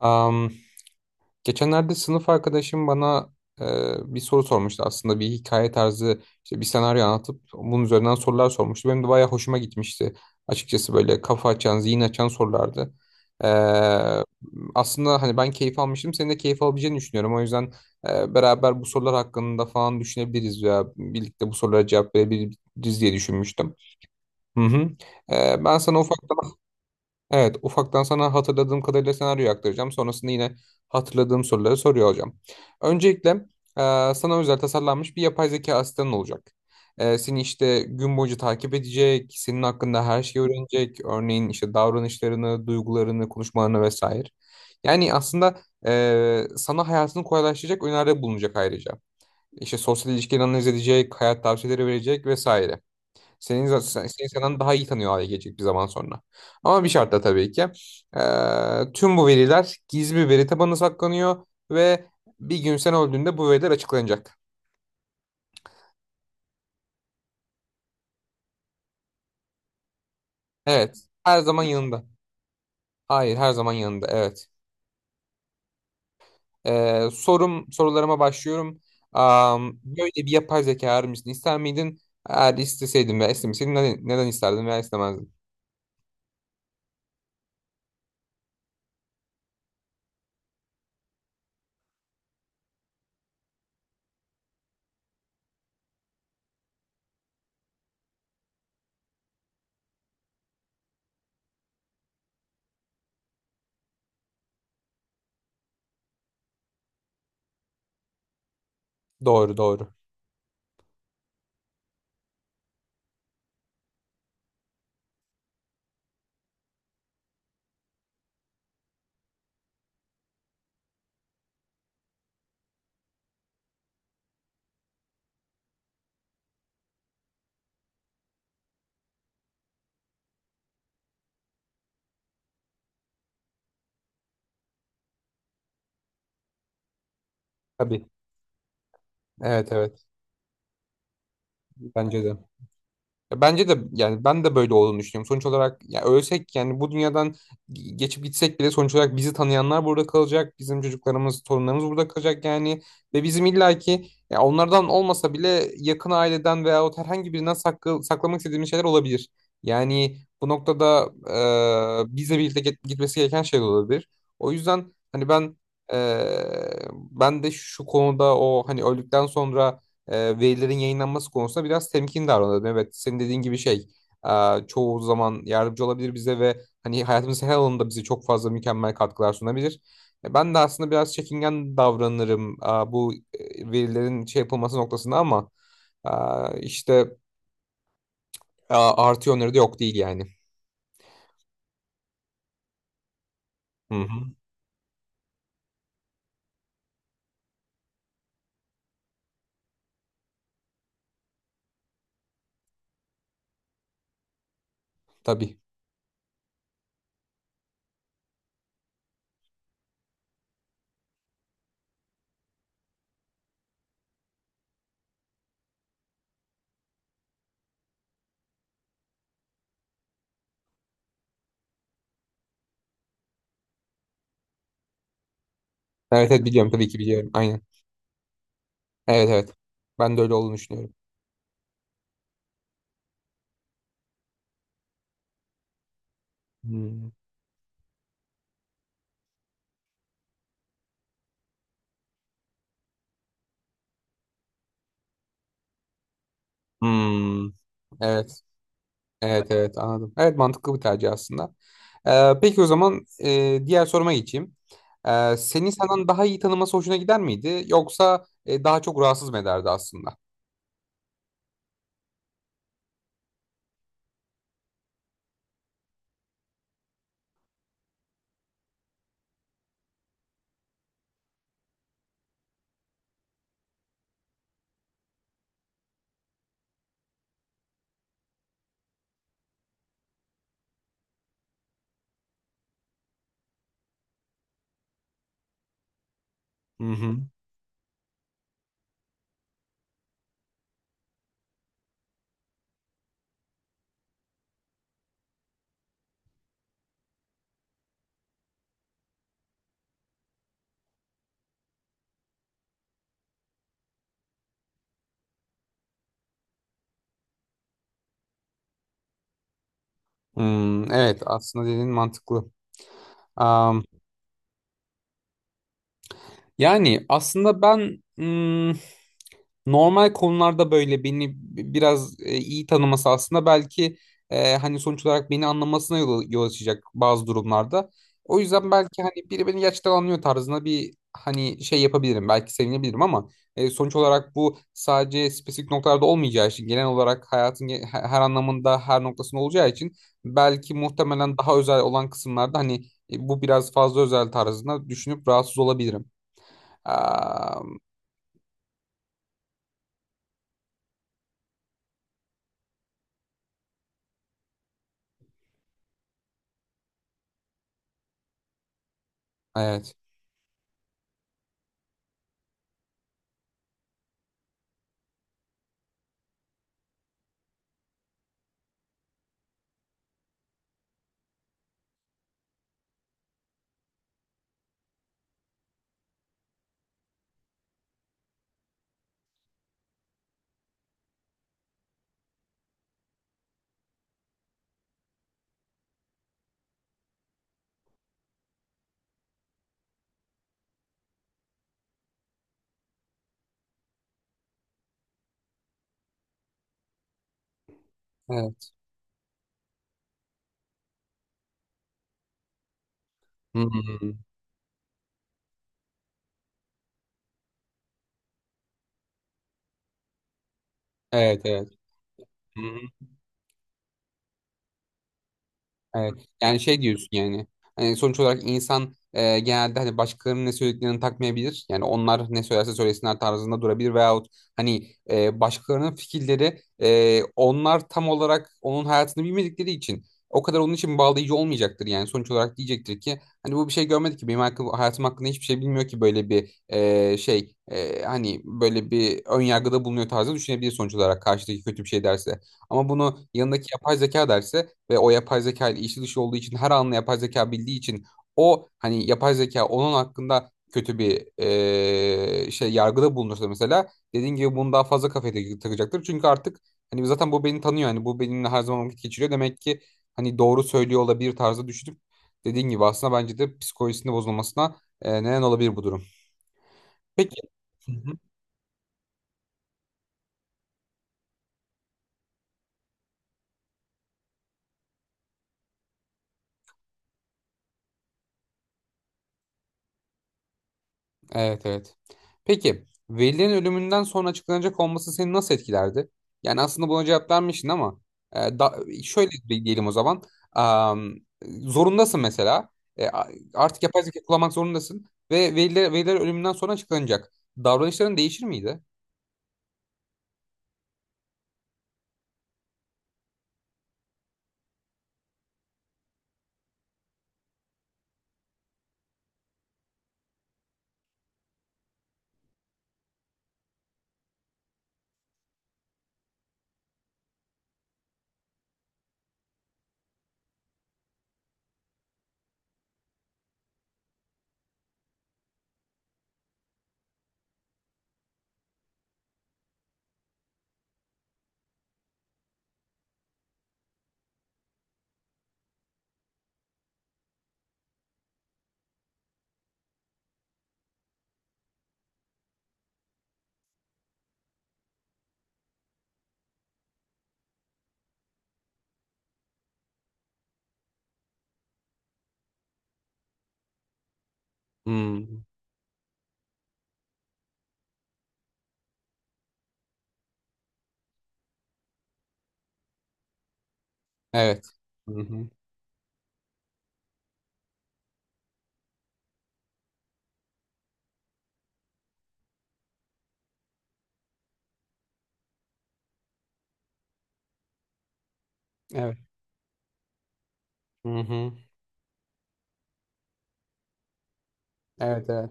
Am, geçenlerde sınıf arkadaşım bana e, bir soru sormuştu. Aslında bir hikaye tarzı işte bir senaryo anlatıp bunun üzerinden sorular sormuştu. Benim de bayağı hoşuma gitmişti. Açıkçası böyle kafa açan, zihin açan sorulardı. E, aslında hani ben keyif almıştım. Senin de keyif alabileceğini düşünüyorum. O yüzden beraber bu sorular hakkında falan düşünebiliriz veya birlikte bu sorulara cevap verebiliriz diye düşünmüştüm. Hı hı. Ben sana ufak. Evet, ufaktan sana hatırladığım kadarıyla senaryoyu aktaracağım. Sonrasında yine hatırladığım soruları soruyor olacağım. Öncelikle sana özel tasarlanmış bir yapay zeka asistanın olacak. Seni işte gün boyunca takip edecek, senin hakkında her şeyi öğrenecek. Örneğin işte davranışlarını, duygularını, konuşmalarını vesaire. Yani aslında sana hayatını kolaylaştıracak öneride bulunacak ayrıca. İşte sosyal ilişkileri analiz edecek, hayat tavsiyeleri verecek vesaire. Seni senden daha iyi tanıyor hale gelecek bir zaman sonra. Ama bir şartla tabii ki. Tüm bu veriler gizli bir veri tabanına saklanıyor ve bir gün sen öldüğünde bu veriler açıklanacak. Evet. Her zaman yanında. Hayır, her zaman yanında. Evet. Sorularıma başlıyorum. Böyle bir yapay zeka arar mısın? İster miydin? Eğer isteseydin veya istemeseydin neden isterdin veya istemezdin? Doğru, doğru. Tabii. Evet, evet. Bence de. Ya bence de yani ben de böyle olduğunu düşünüyorum. Sonuç olarak ya ölsek yani bu dünyadan geçip gitsek bile sonuç olarak bizi tanıyanlar burada kalacak. Bizim çocuklarımız, torunlarımız burada kalacak yani. Ve bizim illaki ya onlardan olmasa bile yakın aileden veyahut herhangi birinden saklamak istediğimiz şeyler olabilir. Yani bu noktada bizle birlikte gitmesi gereken şey de olabilir. O yüzden hani ben, e, ben de şu konuda o hani öldükten sonra e, verilerin yayınlanması konusunda biraz temkin davranalım. Evet, senin dediğin gibi çoğu zaman yardımcı olabilir bize ve hani hayatımızın her alanında bize çok fazla mükemmel katkılar sunabilir. Ben de aslında biraz çekingen davranırım, bu verilerin şey yapılması noktasında ama e, işte artı yönleri de yok değil yani. Hı hı. Tabii. Evet, evet biliyorum, tabii ki biliyorum. Aynen. Evet, evet. Ben de öyle olduğunu düşünüyorum. Hmm. Hmm. Evet. Evet, evet, anladım. Evet, mantıklı bir tercih aslında. Peki o zaman diğer soruma geçeyim. Seni senden daha iyi tanıması hoşuna gider miydi? Yoksa daha çok rahatsız mı ederdi aslında? Hı hı. Hmm, evet aslında dediğin mantıklı. Yani aslında ben, hmm, normal konularda böyle beni biraz iyi tanıması aslında belki hani sonuç olarak beni anlamasına yol açacak bazı durumlarda. O yüzden belki hani biri beni gerçekten anlıyor tarzında bir hani şey yapabilirim. Belki sevinebilirim ama sonuç olarak bu sadece spesifik noktalarda olmayacağı için genel olarak hayatın her anlamında her noktasında olacağı için belki muhtemelen daha özel olan kısımlarda hani bu biraz fazla özel tarzında düşünüp rahatsız olabilirim. Am, evet. Evet. Hı hı. Evet, evet. Hı hı. Evet. Yani şey diyorsun yani. Hani sonuç olarak insan genelde hani başkalarının ne söylediklerini takmayabilir. Yani onlar ne söylerse söylesinler tarzında durabilir veyahut hani başkalarının fikirleri onlar tam olarak onun hayatını bilmedikleri için o kadar onun için bağlayıcı olmayacaktır yani. Sonuç olarak diyecektir ki hani bu bir şey görmedi ki benim hayatım hakkında hiçbir şey bilmiyor ki böyle bir hani böyle bir ön yargıda bulunuyor tarzı düşünebilir sonuç olarak karşıdaki kötü bir şey derse. Ama bunu yanındaki yapay zeka derse ve o yapay zeka ile içi dışı olduğu için her anını yapay zeka bildiği için o hani yapay zeka onun hakkında kötü bir şey yargıda bulunursa mesela dediğin gibi bunu daha fazla kafaya takacaktır. Çünkü artık hani zaten bu beni tanıyor, hani bu benimle her zaman vakit geçiriyor demek ki hani doğru söylüyor olabilir tarzı düşünüp dediğin gibi aslında bence de psikolojisinde bozulmasına neden olabilir bu durum. Peki. Evet, evet. Peki Veli'nin ölümünden sonra açıklanacak olması seni nasıl etkilerdi? Yani aslında buna cevap vermiştin ama e, da, şöyle diyelim o zaman. Am, zorundasın mesela. E, a- artık yapay zeka kullanmak zorundasın. Ve Veliler ölümünden sonra açıklanacak. Davranışların değişir miydi? Hmm. Evet. Hı hı. Evet. Hı hı. Evet, evet.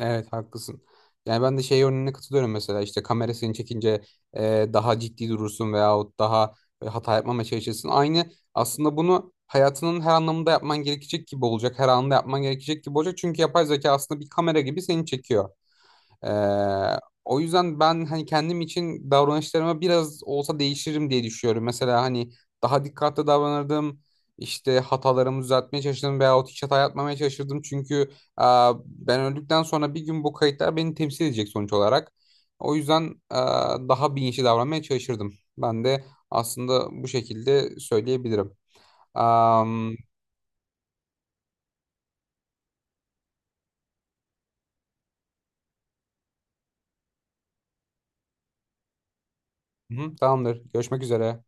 Evet haklısın. Yani ben de şey örneğine katılıyorum, mesela işte kamerasını çekince daha ciddi durursun veyahut daha hata yapmamaya çalışırsın. Aynı aslında bunu hayatının her anlamında yapman gerekecek gibi olacak. Her anında yapman gerekecek gibi olacak. Çünkü yapay zeka aslında bir kamera gibi seni çekiyor. Ee, o yüzden ben hani kendim için davranışlarıma biraz olsa değişirim diye düşünüyorum. Mesela hani daha dikkatli davranırdım. İşte hatalarımı düzeltmeye çalışırdım veyahut hiç hata yapmamaya çalışırdım. Çünkü e, ben öldükten sonra bir gün bu kayıtlar beni temsil edecek sonuç olarak. O yüzden e, daha bilinçli davranmaya çalışırdım. Ben de aslında bu şekilde söyleyebilirim. Am, hı, tamamdır. Görüşmek üzere.